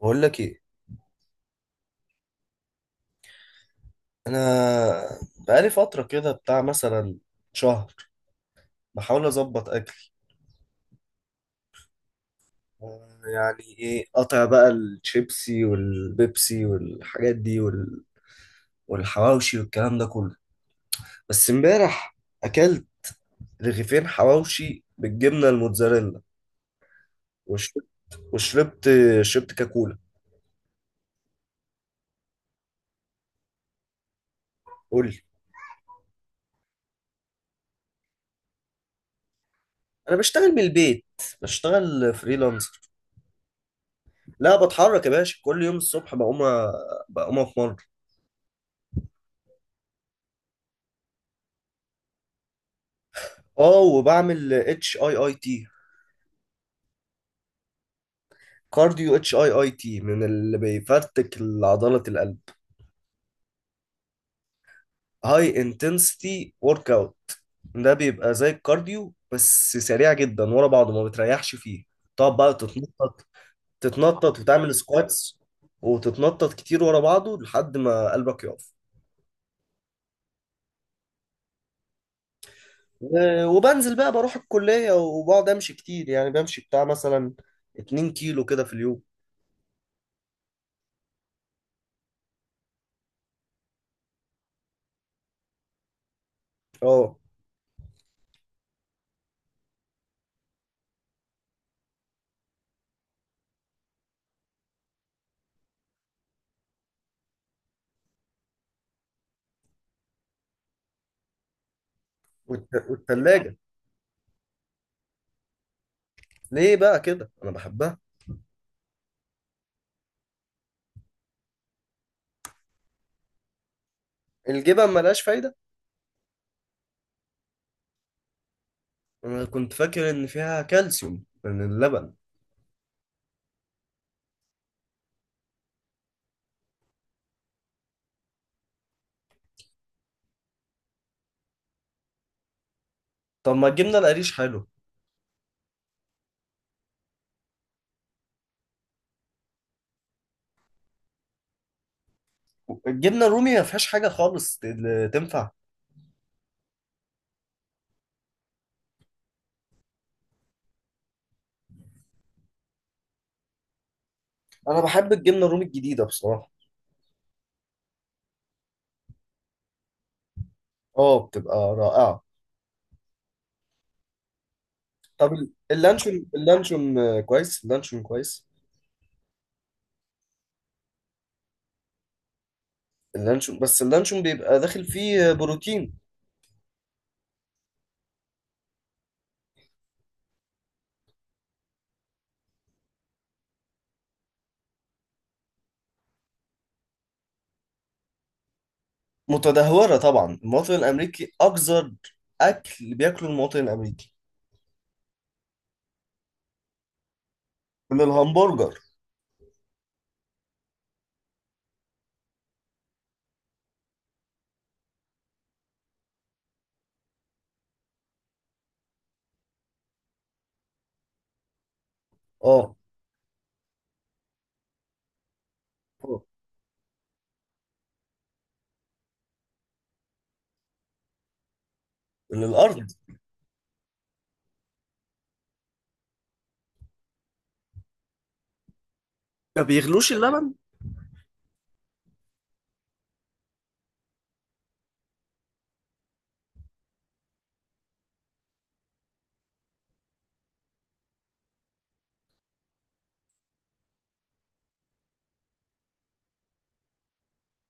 بقول لك ايه؟ انا بقالي فتره كده بتاع مثلا شهر، بحاول اظبط اكل. يعني ايه؟ قطع بقى الشيبسي والبيبسي والحاجات دي والحواوشي والكلام ده كله. بس امبارح اكلت رغيفين حواوشي بالجبنه الموتزاريلا، وشربت وشربت كاكولا. قول لي. انا بشتغل من البيت، بشتغل فريلانسر. لا بتحرك يا باشا، كل يوم الصبح بقوم اتمرن. اه، وبعمل اتش اي اي تي. كارديو اتش اي اي تي من اللي بيفرتك عضلة القلب. هاي انتنسيتي ورك اوت. ده بيبقى زي الكارديو بس سريع جدا ورا بعضه ما بتريحش فيه. تقعد بقى تتنطط وتعمل سكواتس، وتتنطط كتير ورا بعضه لحد ما قلبك يقف. وبنزل بقى، بروح الكلية وبقعد امشي كتير، يعني بمشي بتاع مثلا 2 كيلو كده في اليوم. اه. والتلاجة. ليه بقى كده؟ انا بحبها. الجبن ملهاش فايدة؟ انا كنت فاكر ان فيها كالسيوم من اللبن. طب ما الجبنه القريش حلو. الجبنه الرومي ما فيهاش حاجه خالص تنفع؟ انا بحب الجبنه الرومي الجديده بصراحه. اه بتبقى رائعه. طب اللانشون كويس، اللانشون كويس. اللانشون بس اللانشون بيبقى داخل فيه بروتين. متدهوره طبعا، المواطن الامريكي اكثر. اكل بياكله المواطن الامريكي. من الهمبرجر. اه. آه. من الارض. ما بيغلوش اللبن.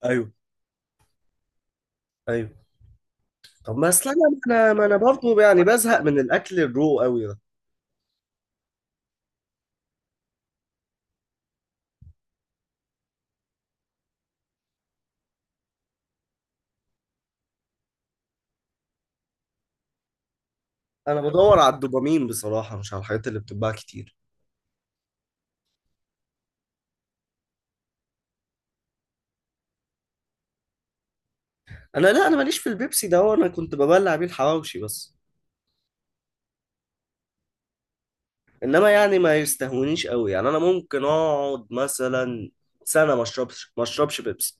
ايوه. ايوه. طب ما اصل انا. ما انا برضه يعني بزهق من الاكل الرو قوي ده. انا بدور على الدوبامين بصراحه، مش على الحاجات اللي بتتباع كتير. انا، لا، انا ماليش في البيبسي ده، هو انا كنت ببلع بيه الحواوشي بس. انما يعني ما يستهونيش قوي، يعني انا ممكن اقعد مثلا سنه ما اشربش بيبسي.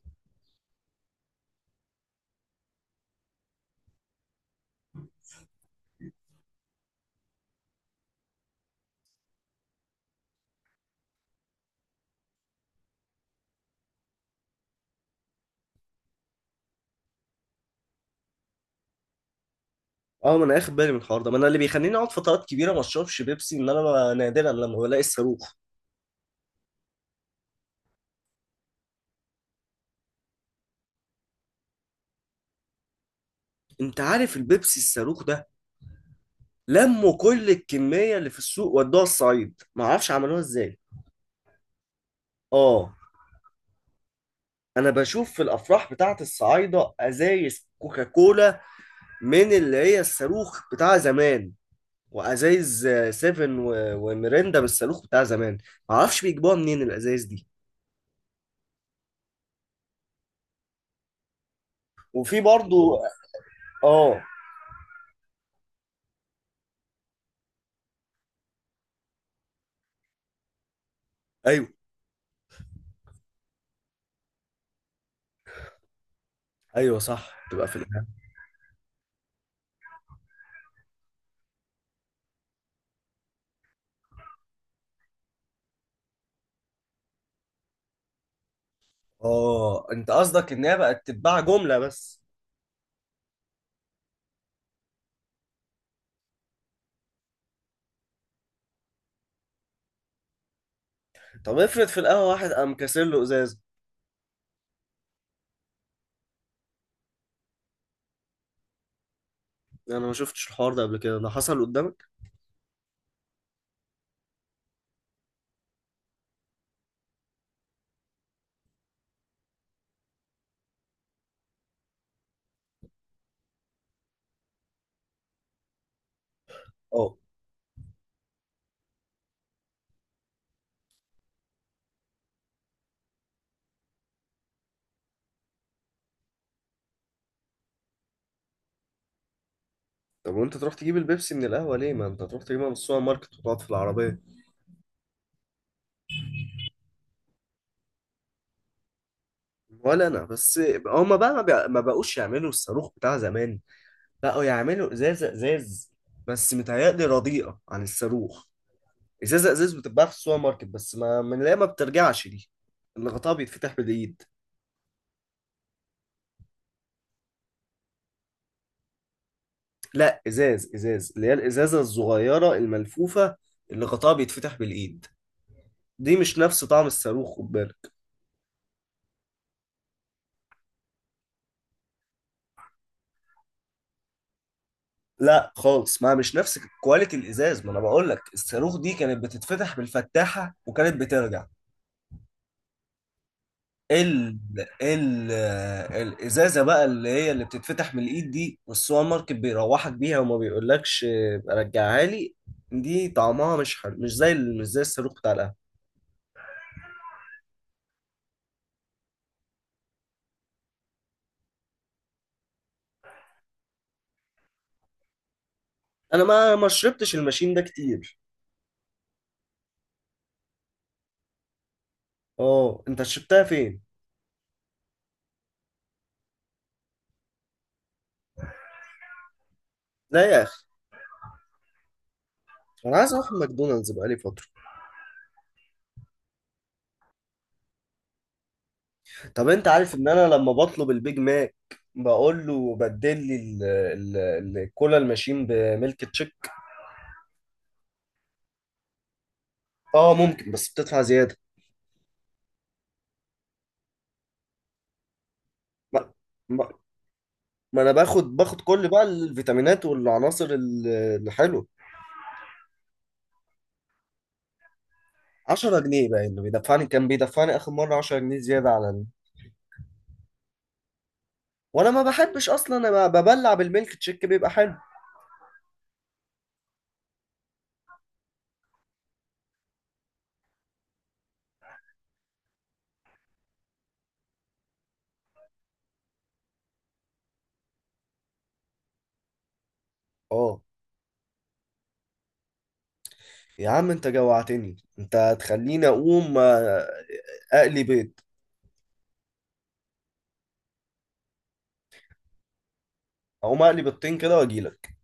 اه، ما انا اخد بالي من الحوار ده، ما انا اللي بيخليني اقعد فترات كبيره ما اشربش بيبسي، ان انا نادرا لما بلاقي الصاروخ. انت عارف البيبسي الصاروخ ده؟ لموا كل الكميه اللي في السوق ودوها الصعيد، ما اعرفش عملوها ازاي. اه. انا بشوف في الافراح بتاعت الصعايده ازايز كوكاكولا، من اللي هي الصاروخ بتاع زمان، وازايز سيفن وميريندا من الصاروخ بتاع زمان. معرفش بيجيبوها منين الازايز دي. وفي برضو. اه. ايوه. ايوه صح، تبقى في القهوه. اه، انت قصدك ان هي بقت تتباع جمله بس. طب افرض في القهوه واحد قام كاسر له ازاز. انا ما شفتش الحوار ده قبل كده، ده حصل قدامك؟ اه. طب وانت تروح تجيب البيبسي من القهوه ليه؟ ما انت تروح تجيبها من السوبر ماركت وتقعد في العربيه. ولا انا بس. هما بقى ما بقوش يعملوا الصاروخ بتاع زمان، بقوا يعملوا ازازه ازاز، بس متهيألي رديئه عن الصاروخ. ازازه ازاز بتتباع في السوبر ماركت بس، ما من اللي هي ما بترجعش دي، اللي غطاها بيتفتح بالايد. لا، ازاز ازاز، اللي هي الازازه الصغيره الملفوفه، اللي غطاها بيتفتح بالايد. دي مش نفس طعم الصاروخ، خد بالك. لا خالص، ما مش نفس كواليتي الازاز، ما انا بقول لك الصاروخ دي كانت بتتفتح بالفتاحه وكانت بترجع ال ال الازازه بقى، اللي هي اللي بتتفتح من الايد دي، والسوبر ماركت بيروحك بيها وما بيقولكش رجعها لي. دي طعمها مش حلو، مش زي الصاروخ بتاع القهوه. انا ما شربتش الماشين ده كتير. اه، انت شربتها فين؟ لا يا اخي، انا عايز اروح ماكدونالدز بقالي فتره. طب انت عارف ان انا لما بطلب البيج ماك بقول له بدل لي الكولا الماشين بميلك تشيك. اه ممكن بس بتدفع زياده. ما انا باخد كل بقى الفيتامينات والعناصر الحلوه. 10 جنيه بقى اللي بيدفعني، كان بيدفعني اخر مره 10 جنيه زياده على وانا ما بحبش اصلا، انا ببلع بالميلك تشيك بيبقى حلو. اه يا عم انت جوعتني، انت هتخليني اقوم اقلي بيض. اقوم اقلي بيضتين كده واجيلك.